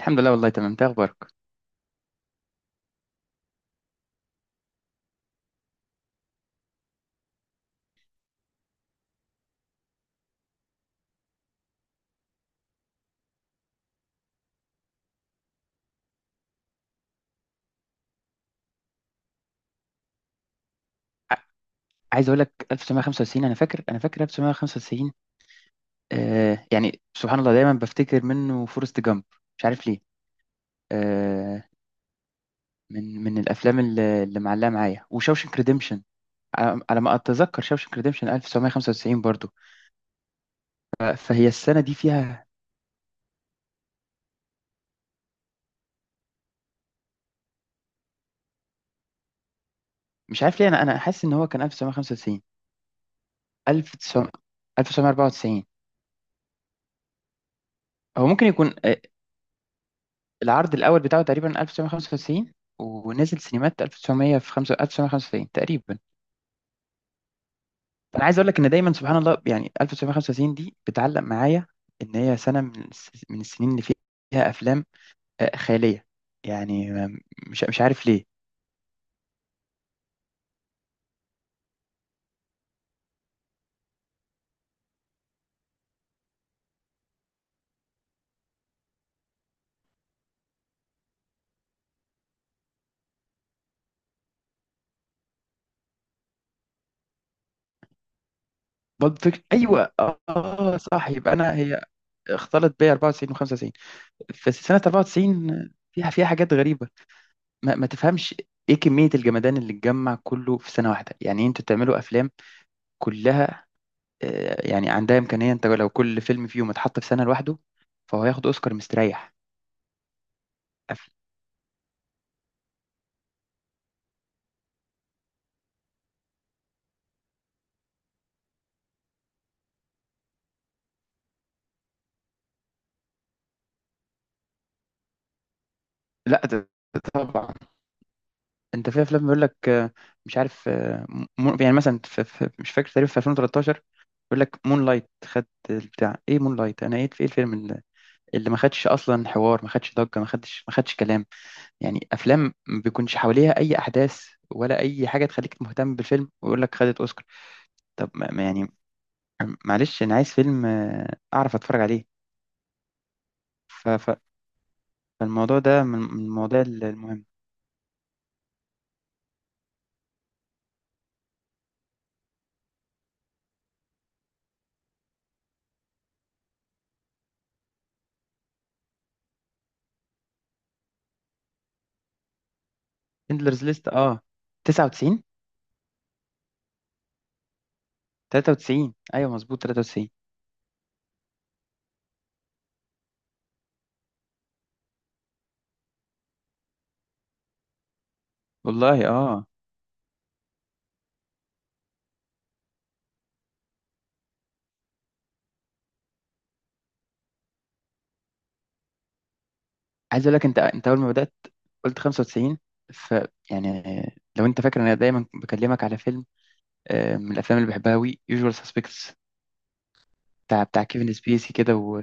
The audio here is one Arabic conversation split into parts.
الحمد لله، والله تمام، انت إيه اخبارك؟ ع- عايز اقول لك 1995، انا فاكر 1995. يعني سبحان الله دايما بفتكر منه فورست جامب، مش عارف ليه. آه. من الافلام اللي معلقه معايا وشاوشنك ريديمشن، على ما اتذكر شاوشنك ريديمشن 1995 برضو. فهي السنه دي فيها. مش عارف ليه، انا حاسس ان هو كان 1995، 1900، 1994. هو ممكن يكون. العرض الاول بتاعه تقريبا 1995، ونزل سينمات 1900 في 1995 تقريبا. انا عايز اقول لك ان دايما سبحان الله، يعني 1995 دي بتعلق معايا، ان هي سنه من السنين اللي فيها افلام خياليه. يعني مش عارف ليه. بالب فيكشن، ايوه. اه، صح. يبقى انا هي اختلط بيا 94 و95. بس سنه 94 فيها حاجات غريبه، ما تفهمش. ايه كميه الجمدان اللي اتجمع كله في سنه واحده؟ يعني إيه انتوا تعملوا افلام كلها. يعني عندها امكانيه، انت لو كل فيلم فيهم اتحط في سنه لوحده فهو هياخد اوسكار مستريح. لا، ده طبعا. انت في افلام بيقول لك مش عارف. يعني مثلا مش فاكر تقريبا في 2013، بيقول لك مون لايت، خد بتاع ايه مون لايت، انا ايه في ايه الفيلم اللي ما خدش اصلا حوار، ما خدش ضجه، ما خدش كلام. يعني افلام ما بيكونش حواليها اي احداث ولا اي حاجه تخليك مهتم بالفيلم، ويقول لك خدت اوسكار. طب ما يعني، معلش، انا عايز فيلم اعرف اتفرج عليه. ف- ف- فالموضوع ده من المواضيع المهمه. سندلرز ليست، اه. 99، 93، ايوه، مظبوط 93. والله اه. عايز اقول لك، انت اول ما بدات قلت 95، ف يعني، لو انت فاكر، انا دايما بكلمك على فيلم من الافلام اللي بحبها قوي، يوجوال سسبكتس، بتاع كيفن سبيسي كده.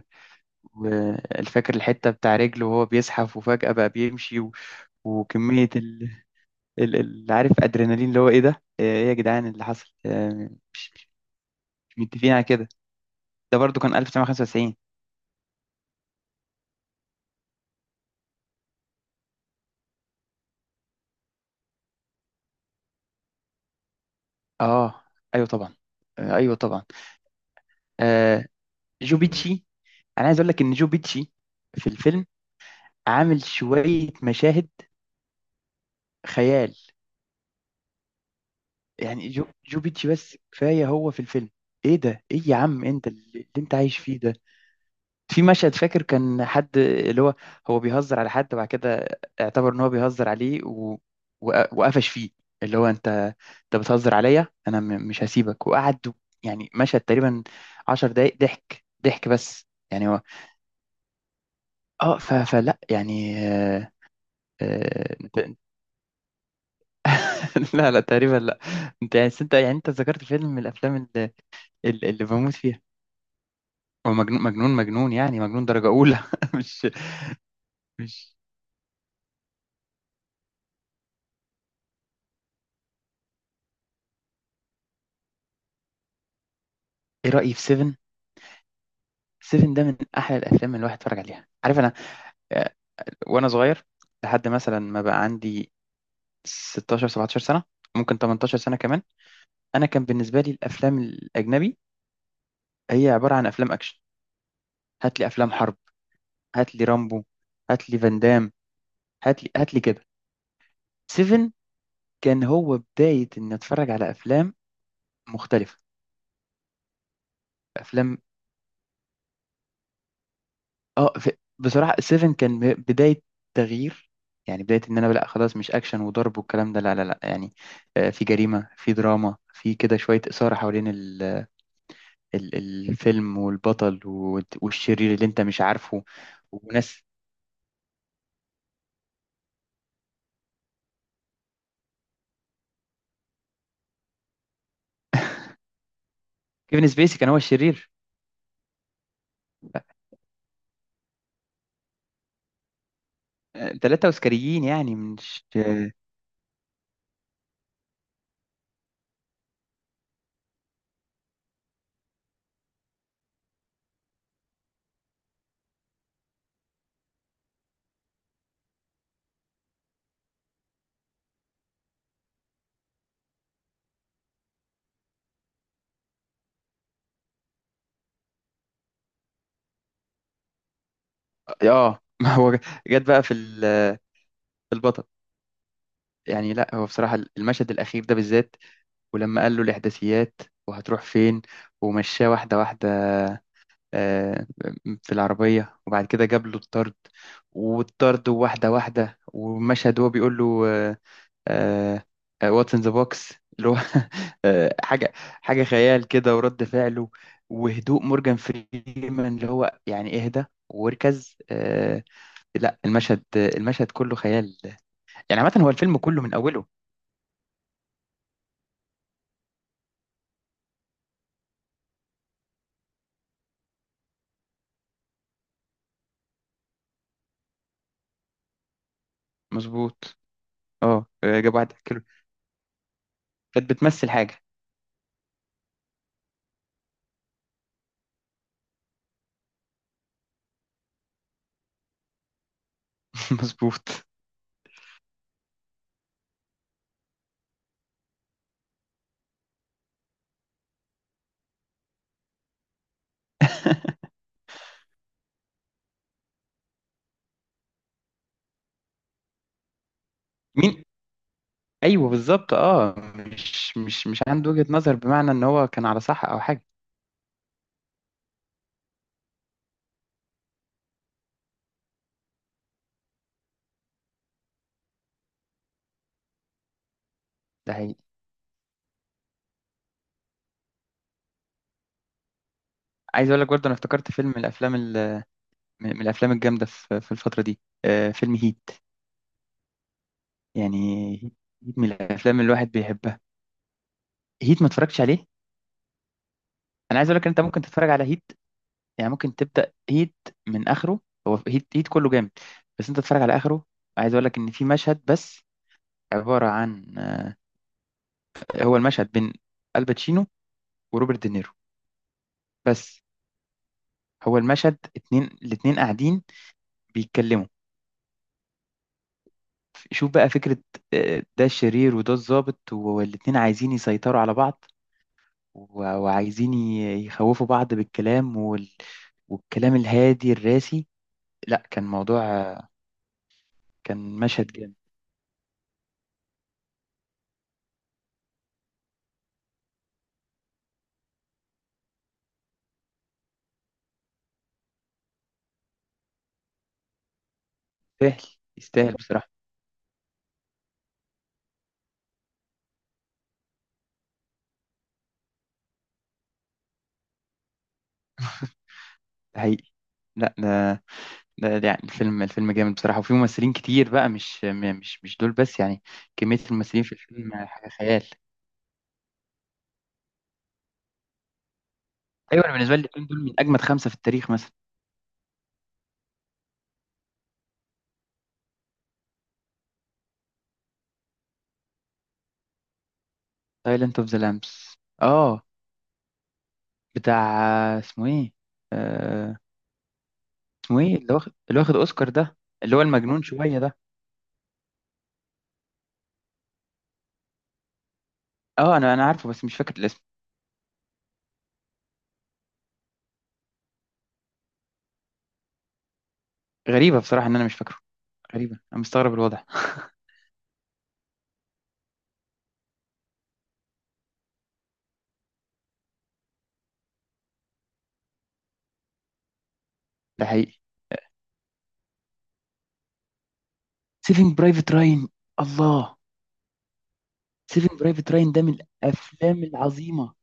والفاكر الحته بتاع رجله وهو بيزحف وفجاه بقى بيمشي. وكميه عارف، ادرينالين اللي هو ايه ده، ايه يا جدعان اللي حصل. مش متفقين على كده؟ ده برضو كان 1995. اه، ايوه طبعا. آه، ايوه طبعا آه، جوبيتشي. انا عايز اقول لك ان جو بيتشي في الفيلم عامل شويه مشاهد خيال. يعني جو بيتشي بس كفايه هو في الفيلم. ايه ده، ايه يا عم انت اللي انت عايش فيه ده؟ في مشهد فاكر، كان حد اللي هو بيهزر على حد وبعد كده اعتبر ان هو بيهزر عليه. وقفش فيه، اللي هو انت بتهزر عليا انا. مش هسيبك وقعد. يعني مشهد تقريبا عشر دقايق ضحك ضحك، بس يعني هو. اه، فلا يعني. آه، آه. لا لا تقريبا لا. انت يعني انت يعني انت ذكرت فيلم من الافلام اللي بموت فيها. هو مجنون مجنون مجنون يعني مجنون درجة أولى. مش مش. ايه رأيي في سيفن؟ سيفن ده من احلى الافلام اللي الواحد اتفرج عليها، عارف، انا آه، وانا صغير، لحد مثلا ما بقى عندي 16، 17 سنة، ممكن 18 سنة كمان. انا كان بالنسبة لي الافلام الاجنبي هي عبارة عن افلام اكشن، هات لي افلام حرب، هات لي رامبو، هات لي فان دام، هات لي كده. سيفن كان هو بداية إن أتفرج على أفلام مختلفة. أفلام اه بصراحة، سيفن كان بداية تغيير، يعني بداية إن أنا لأ خلاص، مش أكشن وضرب والكلام ده، لا لا لا، يعني. في جريمة، في دراما، في كده شوية إثارة حوالين ال... الفيلم والبطل والشرير اللي أنت مش عارفه، وناس. كيفن سبيسي كان هو الشرير. ثلاثة أوسكاريين يعني مش. ما هو جت بقى في البطل. يعني لا، هو بصراحة المشهد الأخير ده بالذات، ولما قال له الإحداثيات وهتروح فين ومشاه واحدة واحدة آه، في العربية وبعد كده جاب له الطرد، والطرد واحدة واحدة، ومشهد هو بيقول له واتس ان ذا بوكس، اللي هو آه، حاجة حاجة خيال كده، ورد فعله وهدوء مورجان فريمان، اللي هو يعني اهدى واركز، لا، المشهد كله خيال. يعني عامة هو الفيلم كله من أوله. مظبوط. اه، جاب واحد كيلو، كانت بتمثل حاجة. مظبوط. مين؟ ايوه بالظبط، اه، مش عنده وجهة نظر بمعنى ان هو كان على صح او حاجه. ده حقيقي. عايز اقول لك برضه، انا افتكرت فيلم من الافلام من الافلام الجامده في الفتره دي، فيلم هيت. يعني هيت من الافلام اللي الواحد بيحبها. هيت ما اتفرجتش عليه. انا عايز اقول لك إن انت ممكن تتفرج على هيت، يعني ممكن تبدا هيت من اخره. هو هيت كله جامد، بس انت تتفرج على اخره. عايز اقول لك ان في مشهد بس عباره عن. هو المشهد بين الباتشينو وروبرت دينيرو بس، هو المشهد اتنين، الاتنين قاعدين بيتكلموا. شوف بقى فكرة، ده الشرير وده الضابط، والاتنين عايزين يسيطروا على بعض، وعايزين يخوفوا بعض بالكلام، والكلام الهادي الراسي، لا، كان موضوع. كان مشهد جامد. يستاهل. يستاهل بصراحة. ده حقيقي. لا، ده يعني الفيلم جامد بصراحة، وفيه ممثلين كتير بقى، مش م- مش مش دول بس، يعني كمية الممثلين في الفيلم حاجة خيال. أيوة، أنا بالنسبة لي الاتنين دول من أجمد خمسة في التاريخ مثلا. سايلنت اوف ذا لامبس. اه. بتاع، اسمه ايه آه اسمه ايه اللي واخد اوسكار ده، اللي هو المجنون شويه ده؟ اه، انا عارفه بس مش فاكر الاسم. غريبه بصراحه ان انا مش فاكره. غريبه، انا مستغرب الوضع. ده حقيقي. سيفنج برايفت راين. الله. سيفنج برايفت راين ده من الافلام العظيمه.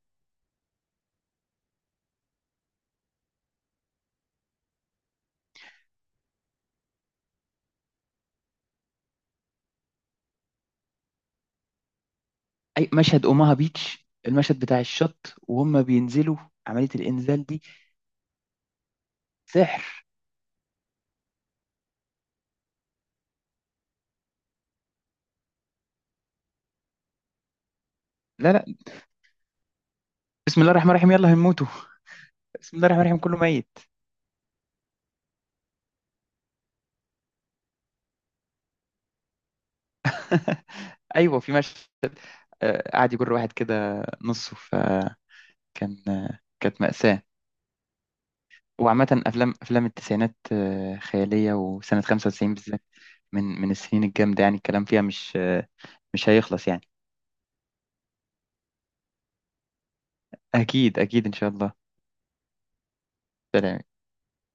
اي مشهد، اوماها بيتش، المشهد بتاع الشط وهم بينزلوا، عمليه الانزال دي سحر. لا لا. بسم الله الرحمن الرحيم، يلا هنموتوا. بسم الله الرحمن الرحيم، كله ميت. ايوه، في مشهد قعد يجر واحد كده نصه، فكان كانت مأساة. وعامة، أفلام التسعينات خيالية، وسنة 95 بالذات من السنين الجامدة، يعني الكلام فيها مش هيخلص يعني. أكيد أكيد إن شاء الله. سلام.